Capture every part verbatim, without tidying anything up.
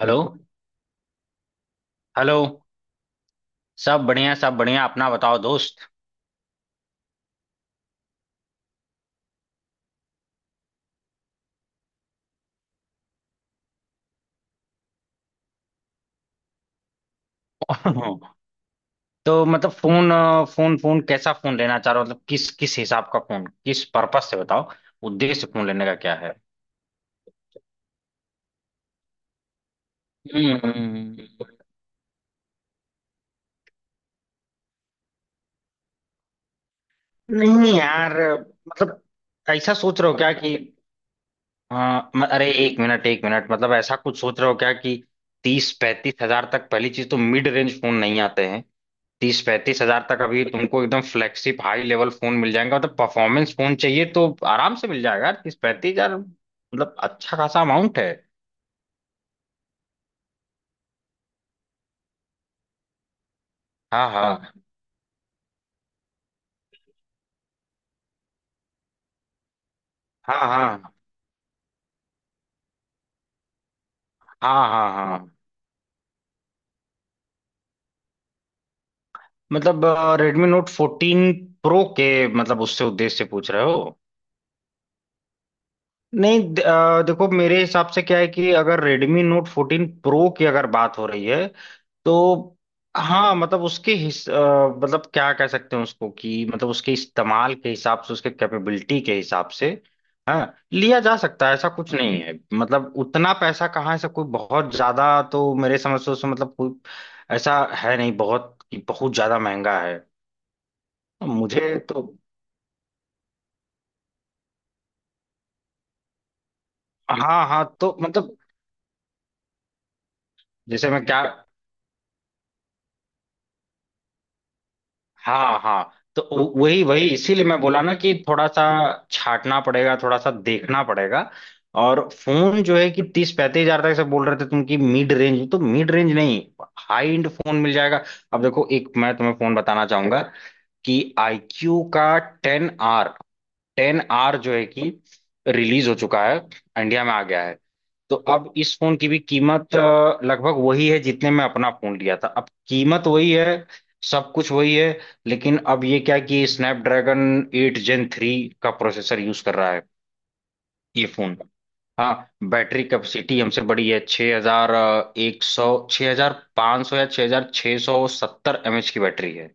Hello. Hello. सब बढ़िया, सब बढ़िया। अपना बताओ दोस्त। तो मतलब फोन अ, फोन फोन कैसा फोन लेना चाह रहे हो, मतलब किस किस हिसाब का फोन, किस पर्पस से बताओ। उद्देश्य फोन लेने का क्या है? हम्म। नहीं यार, मतलब ऐसा सोच रहे हो क्या कि हाँ, म- अरे एक मिनट, एक मिनट, मतलब ऐसा कुछ सोच रहे हो क्या कि तीस पैंतीस हजार तक? पहली चीज तो मिड रेंज फोन नहीं आते हैं तीस पैंतीस हजार तक। अभी तुमको एकदम फ्लैगशिप हाई लेवल फोन मिल जाएगा। मतलब परफॉर्मेंस फोन चाहिए तो आराम से मिल जाएगा तीस पैंतीस हजार। मतलब अच्छा खासा अमाउंट है। हाँ, हाँ, हाँ, हाँ, हाँ, हाँ, हाँ। मतलब रेडमी नोट फोर्टीन प्रो के, मतलब उससे उद्देश्य से पूछ रहे हो? नहीं, द- अ, देखो मेरे हिसाब से क्या है कि अगर Redmi Note फोर्टीन Pro की अगर बात हो रही है तो हाँ, मतलब उसके हिस अ, मतलब क्या कह सकते हैं उसको कि मतलब उसके इस्तेमाल के हिसाब से, उसके कैपेबिलिटी के हिसाब से हाँ लिया जा सकता है, ऐसा कुछ नहीं है। मतलब उतना पैसा कहाँ है, ऐसा कोई बहुत ज्यादा, तो मेरे समझ से उसमें मतलब कोई ऐसा है नहीं बहुत कि बहुत ज्यादा महंगा है। मुझे तो हाँ, हाँ। तो मतलब जैसे मैं क्या, हाँ, हाँ, तो व- वही वही इसीलिए मैं बोला ना कि थोड़ा सा छाटना पड़ेगा, थोड़ा सा देखना पड़ेगा। और फोन जो है कि तीस पैंतीस हजार तक से बोल रहे थे तुम, कि मिड रेंज तो मिड रेंज नहीं, हाई एंड फोन मिल जाएगा। अब देखो, एक मैं तुम्हें फोन बताना चाहूंगा कि आई क्यू का टेन आर, टेन आर जो है कि रिलीज हो चुका है, इंडिया में आ गया है। तो अब इस फोन की भी कीमत अ, लगभग वही है जितने में अपना फोन लिया था, अब कीमत वही है, सब कुछ वही है। लेकिन अब ये क्या है कि स्नैपड्रैगन एट जेन थ्री का प्रोसेसर यूज कर रहा है ये फोन। हाँ। बैटरी कैपेसिटी हमसे बड़ी है, इकसठ सौ हजार सौ छः हज़ार पाँच सौ या छियासठ सौ सत्तर हजार एमएच की बैटरी है।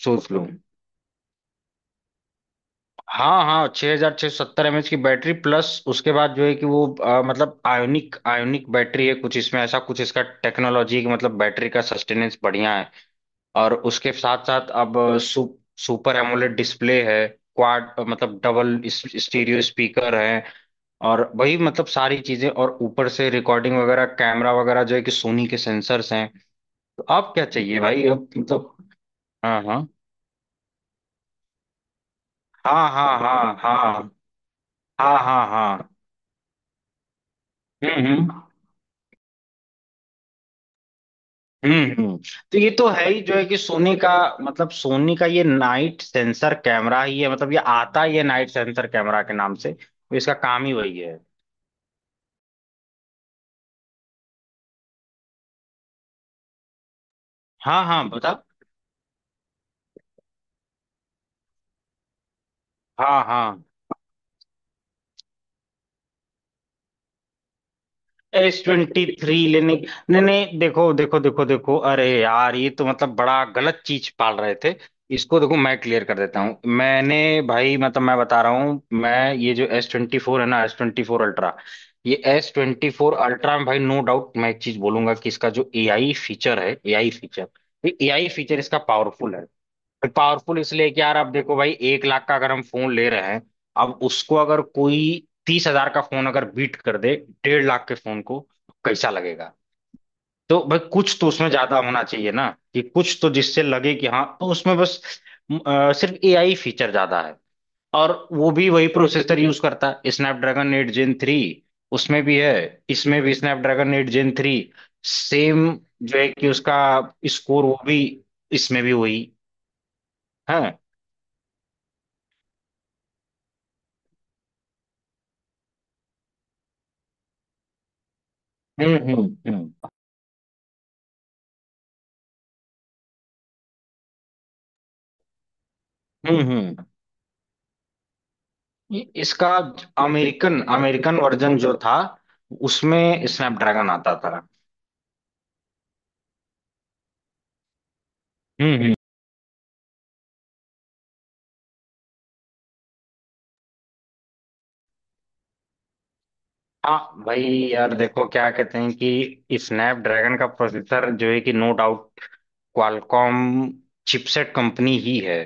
सोच लो। हाँ, हाँ, छः हजार छः सौ सत्तर एमएच की बैटरी, प्लस उसके बाद जो है कि वो अ, मतलब आयोनिक आयोनिक बैटरी है कुछ इसमें, ऐसा कुछ इसका टेक्नोलॉजी कि मतलब बैटरी का सस्टेनेंस बढ़िया है। और उसके साथ साथ अब सु, सुपर एमोलेड डिस्प्ले है, क्वाड मतलब डबल स्टीरियो स्पीकर है। और वही मतलब सारी चीजें, और ऊपर से रिकॉर्डिंग वगैरह, कैमरा वगैरह जो है कि सोनी के सेंसर्स हैं। तो अब क्या चाहिए भाई, अब मतलब हाँ, हाँ, हाँ, हाँ, हाँ, हाँ, हाँ, हाँ, हाँ, हम्म, हम्म, हम्म, हम्म। तो ये तो है ही जो है कि सोनी का, मतलब सोनी का ये नाइट सेंसर कैमरा ही है, मतलब ये आता ही है नाइट सेंसर कैमरा के नाम से, तो इसका काम ही वही है। हाँ, हाँ, बता। हाँ, हाँ, एस ट्वेंटी थ्री लेने? नहीं, नहीं, देखो, देखो, देखो, देखो, अरे यार, ये तो मतलब बड़ा गलत चीज पाल रहे थे। इसको देखो, मैं क्लियर कर देता हूँ। मैंने, भाई मतलब मैं बता रहा हूँ, मैं ये जो एस ट्वेंटी फोर है ना, एस ट्वेंटी फोर अल्ट्रा, ये एस ट्वेंटी फोर अल्ट्रा में भाई नो डाउट मैं एक चीज बोलूंगा कि इसका जो एआई फीचर है, एआई फीचर, ये एआई फीचर इसका पावरफुल है। पावरफुल इसलिए कि यार आप देखो भाई, एक लाख का अगर हम फोन ले रहे हैं, अब उसको अगर कोई तीस हजार का फोन अगर बीट कर दे डेढ़ लाख के फोन को, तो कैसा लगेगा? तो भाई कुछ तो उसमें ज्यादा होना चाहिए ना, कि कुछ तो जिससे लगे कि हाँ, तो उसमें बस अ, सिर्फ एआई फीचर ज्यादा है। और वो भी वही प्रोसेसर यूज करता है, स्नैपड्रैगन एट जेन थ्री, उसमें भी है, इसमें भी Snapdragon eight Gen three, same, जो है कि उसका स्कोर, वो भी इसमें भी वही है। हम्म, हम्म, हम्म, हम्म, हम्म। इ- इसका अमेरिकन अमेरिकन वर्जन जो था, उसमें स्नैपड्रैगन आता था। हम्म, हम्म। हाँ भाई, यार देखो क्या कहते हैं कि स्नैपड्रैगन का प्रोसेसर जो है कि no doubt Qualcomm chipset company ही है,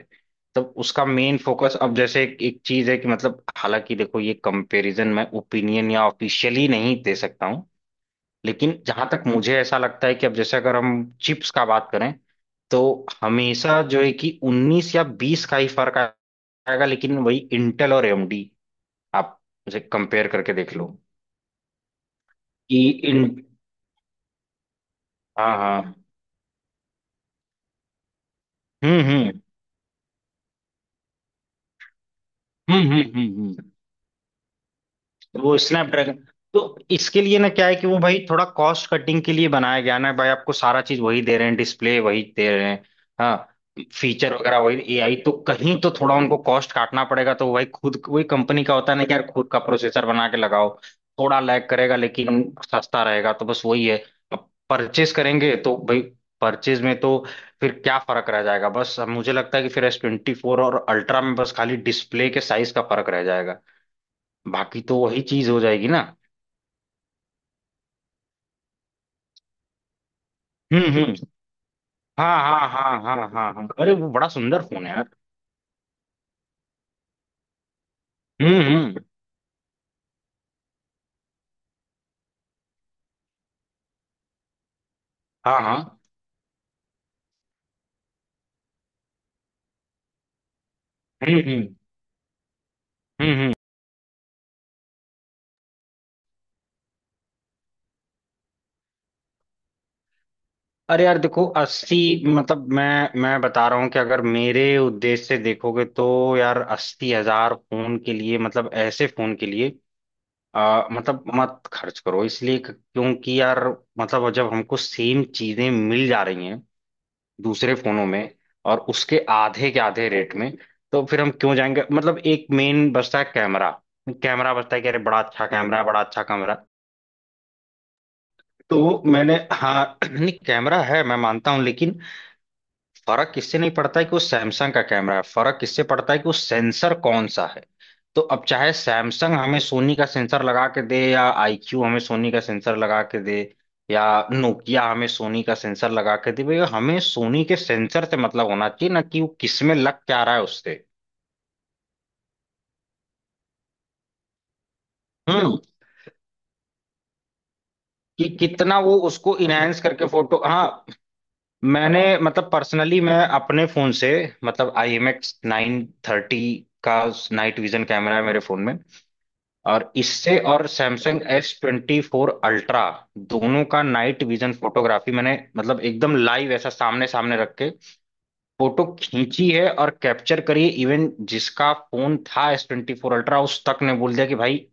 तो उसका मेन फोकस अब जैसे एक, एक चीज है कि मतलब, हालांकि देखो ये कंपैरिजन मैं ओपिनियन या ऑफिशियली नहीं दे सकता हूँ, लेकिन जहां तक मुझे ऐसा लगता है कि अब जैसे अगर हम चिप्स का बात करें, तो हमेशा जो है कि उन्नीस या बीस का ही फर्क आएगा, लेकिन वही इंटेल और एएमडी, आप उसे कंपेयर करके देख लो कि इन, हाँ, हाँ, हम्म, हम्म, हम्म, हम्म, हम्म, हम्म। वो स्नैपड्रैगन, तो इसके लिए ना क्या है कि वो भाई थोड़ा कॉस्ट कटिंग के लिए बनाया गया ना भाई, आपको सारा चीज वही दे रहे हैं, डिस्प्ले वही दे रहे हैं, हाँ, फीचर वगैरह वही एआई, तो कहीं तो थोड़ा उनको कॉस्ट काटना पड़ेगा, तो भाई खुद वही कंपनी का होता है ना कि यार खुद का प्रोसेसर बना के लगाओ, थोड़ा लैग करेगा लेकिन सस्ता रहेगा, तो बस वही है। अब परचेज करेंगे तो भाई परचेज में तो फिर क्या फर्क रह जाएगा? बस अब मुझे लगता है कि फिर एस ट्वेंटी फोर और अल्ट्रा में बस खाली डिस्प्ले के साइज का फर्क रह जाएगा, बाकी तो वही चीज हो जाएगी ना। हम्म, हम्म, हाँ, हाँ, हाँ, हाँ, हाँ, हाँ, अरे वो बड़ा सुंदर फोन है यार। हम्म, हम्म, हाँ, हाँ, हम्म, हम्म, हम्म, हम्म। अरे यार देखो अस्सी, मतलब मैं मैं बता रहा हूँ कि अगर मेरे उद्देश्य से देखोगे तो यार अस्सी हजार फोन के लिए, मतलब ऐसे फोन के लिए आ, मतलब मत खर्च करो, इसलिए क- क्योंकि यार मतलब जब हमको सेम चीजें मिल जा रही हैं दूसरे फोनों में, और उसके आधे के आधे रेट में, तो फिर हम क्यों जाएंगे। मतलब एक मेन बचता है कैमरा, कैमरा बचता है कि अरे बड़ा अच्छा कैमरा है, बड़ा अच्छा कैमरा। तो मैंने, हाँ नहीं कैमरा है, मैं मानता हूँ लेकिन फर्क किससे नहीं पड़ता है कि वो सैमसंग का कैमरा है, फर्क किससे पड़ता है कि वो सेंसर कौन सा है। तो अब चाहे सैमसंग हमें सोनी का सेंसर लगा के दे, या आईक्यू हमें सोनी का सेंसर लगा के दे, या नोकिया हमें सोनी का सेंसर लगा के दे, भैया हमें सोनी के सेंसर से मतलब होना चाहिए ना कि वो किस में लग क्या रहा है उससे। हम्म। कि कितना वो उसको इनहेंस करके फोटो, हाँ। मैंने मतलब पर्सनली मैं अपने फोन से, मतलब I M X nine thirty का नाइट विजन कैमरा है मेरे फोन में, और इससे और Samsung S twenty four ultra दोनों का नाइट विजन फोटोग्राफी मैंने मतलब एकदम लाइव ऐसा सामने सामने रख के फोटो खींची है और कैप्चर करी है, इवन जिसका फोन था एस ट्वेंटी फोर अल्ट्रा उस तक ने बोल दिया कि भाई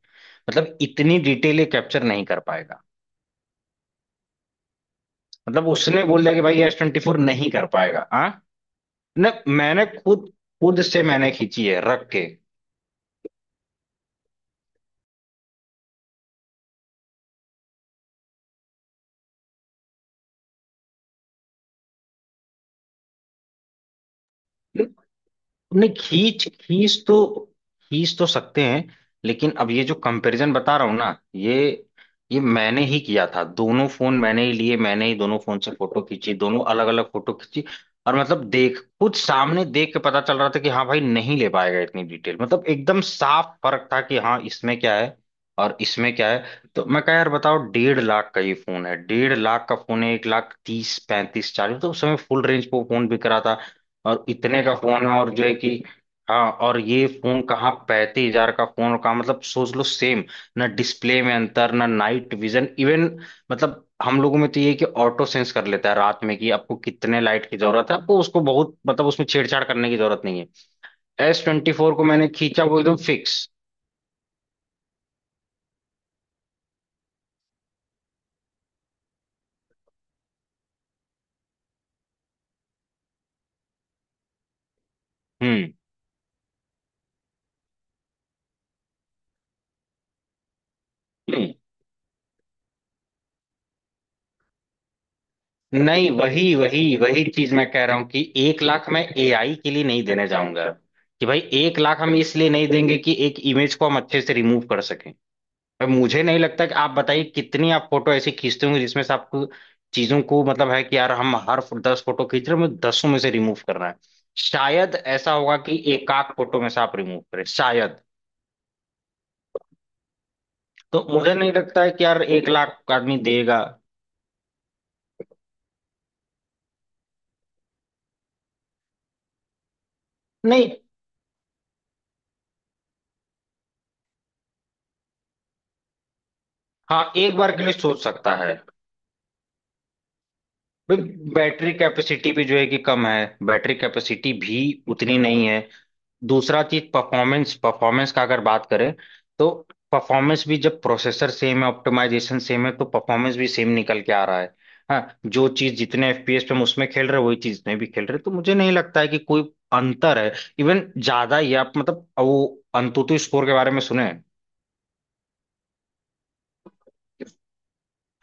मतलब इतनी डिटेल ये कैप्चर नहीं कर पाएगा। मतलब उसने बोल दिया कि भाई एस ट्वेंटी फोर नहीं कर पाएगा। हाँ, न, मैंने खुद, खुद से मैंने खींची है रख के। नहीं खींच खींच तो खींच तो सकते हैं, लेकिन अब ये जो कंपैरिजन बता रहा हूँ ना ये ये मैंने ही किया था, दोनों फोन मैंने ही लिए, मैंने ही दोनों फोन से फोटो खींची, दोनों अलग अलग फोटो खींची। और मतलब देख खुद सामने देख के पता चल रहा था कि हाँ भाई नहीं ले पाएगा इतनी डिटेल, मतलब एकदम साफ फर्क था कि हाँ इसमें क्या है और इसमें क्या है। तो मैं कहा यार बताओ, डेढ़ लाख का ये फोन है, डेढ़ लाख का फोन है एक लाख तीस पैंतीस चालीस, तो उस समय फुल रेंज पे वो फोन बिक रहा था, और इतने का फोन है, और जो है कि हाँ, और ये फोन कहाँ, पैंतीस हजार का फोन कहाँ, मतलब सोच लो सेम, ना डिस्प्ले में अंतर, ना नाइट विजन, इवन मतलब हम लोगों में तो ये है कि ऑटो सेंस कर लेता है रात में कि आपको कितने लाइट की जरूरत है, आपको उसको बहुत मतलब उसमें छेड़छाड़ करने की जरूरत नहीं है। एस ट्वेंटी फोर को मैंने खींचा वो एकदम फिक्स। हम्म, हम्म। नहीं वही वही वही चीज मैं कह रहा हूँ कि एक लाख मैं एआई के लिए नहीं देने जाऊंगा, कि भाई एक लाख हम इसलिए नहीं देंगे कि एक इमेज को हम अच्छे से रिमूव कर सकें। अब मुझे नहीं लगता कि आप बताइए कितनी आप फोटो ऐसी खींचते होंगे जिसमें से आपको चीजों को, मतलब है कि यार हम हर फो- दस फोटो खींच रहे हैं, हमें दसों में से रिमूव करना है। शायद ऐसा होगा कि एक आध फोटो में से आप रिमूव करें शायद, तो मुझे नहीं लगता है कि यार एक लाख आदमी देगा। नहीं, हाँ, एक बार के लिए सोच सकता है। भाई बैटरी कैपेसिटी भी जो है कि कम है, बैटरी कैपेसिटी भी उतनी नहीं है। दूसरा चीज परफॉर्मेंस परफॉर्मेंस का अगर बात करें तो परफॉर्मेंस भी जब प्रोसेसर सेम है, ऑप्टिमाइजेशन सेम है, तो परफॉर्मेंस भी सेम निकल के आ रहा है। हाँ, जो चीज जितने एफपीएस पे हम उसमें खेल रहे हैं वही चीज में भी खेल रहे हैं, तो मुझे नहीं लगता है कि कोई अंतर है, इवन ज्यादा ही है। आप मतलब वो अंतुतु स्कोर के बारे में सुने हैं?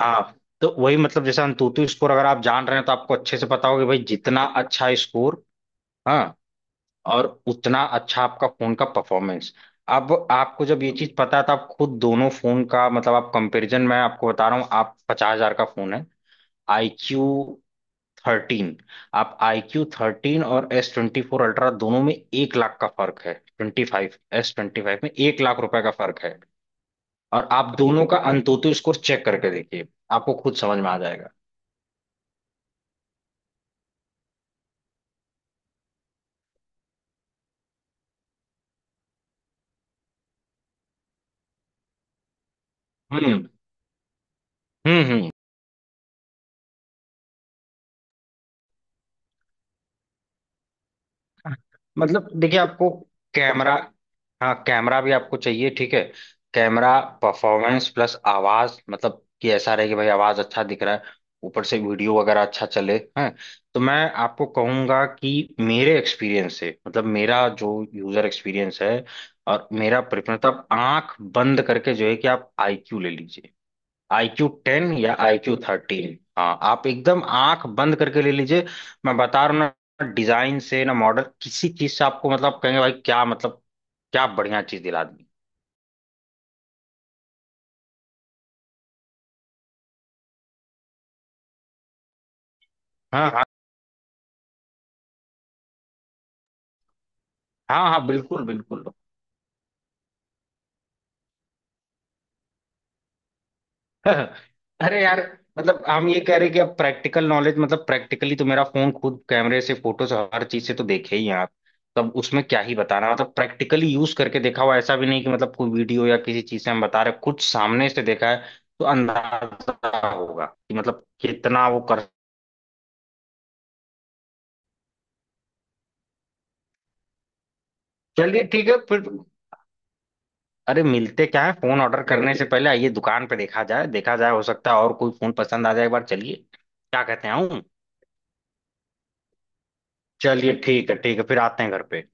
हाँ, तो वही मतलब जैसे अंतुतु स्कोर अगर आप जान रहे हैं तो आपको अच्छे से पता होगा कि भाई जितना अच्छा स्कोर, हाँ, और उतना अच्छा आपका फोन का परफॉर्मेंस। अब आपको जब ये चीज पता था, आप खुद दोनों फोन का मतलब आप कंपैरिजन, मैं आपको बता रहा हूँ आप पचास हजार का फोन है आई क्यू थर्टीन, आप आई क्यू थर्टीन और एस ट्वेंटी फोर अल्ट्रा दोनों में एक लाख का फर्क है, twenty five S twenty five में एक लाख रुपए का फर्क है। और आप दोनों का अंतोतु स्कोर चेक करके देखिए, आपको खुद समझ में आ जाएगा। हम्म, हम्म, हम्म। मतलब देखिए आपको कैमरा, हाँ कैमरा भी आपको चाहिए, ठीक है, कैमरा परफॉर्मेंस प्लस आवाज मतलब कि ऐसा रहे कि भाई आवाज अच्छा दिख रहा है, ऊपर से वीडियो वगैरह अच्छा चले हैं, तो मैं आपको कहूंगा कि मेरे एक्सपीरियंस से, मतलब मेरा जो यूजर एक्सपीरियंस है और मेरा प्रेफरेंस, आप आंख बंद करके जो है कि आप आईक्यू ले लीजिए, आई क्यू टेन या आई क्यू थर्टीन, हाँ आप एकदम आंख बंद करके ले लीजिए। मैं बता रहा हूँ ना डिजाइन से ना मॉडल, किसी चीज से आपको मतलब कहेंगे भाई क्या मतलब क्या बढ़िया चीज दिला दी। हाँ, हाँ, हाँ, हाँ, बिल्कुल, बिल्कुल। अरे यार, मतलब हम ये कह रहे कि अब प्रैक्टिकल नॉलेज, मतलब प्रैक्टिकली तो मेरा फोन खुद कैमरे से, फोटो से, हर चीज से तो देखे ही हैं आप, तब उसमें क्या ही बताना, मतलब प्रैक्टिकली यूज करके देखा हुआ, ऐसा भी नहीं कि मतलब कोई वीडियो या किसी चीज से हम बता रहे, कुछ सामने से देखा है, तो अंदाजा होगा कि मतलब कितना वो कर। चलिए ठीक है फिर। अरे मिलते क्या है, फोन ऑर्डर करने से पहले आइए दुकान पे देखा जाए, देखा जाए, हो सकता है और कोई फोन पसंद आ जाए एक बार, चलिए क्या कहते हैं, आऊं? चलिए ठीक है, ठीक है, फिर आते हैं घर पे।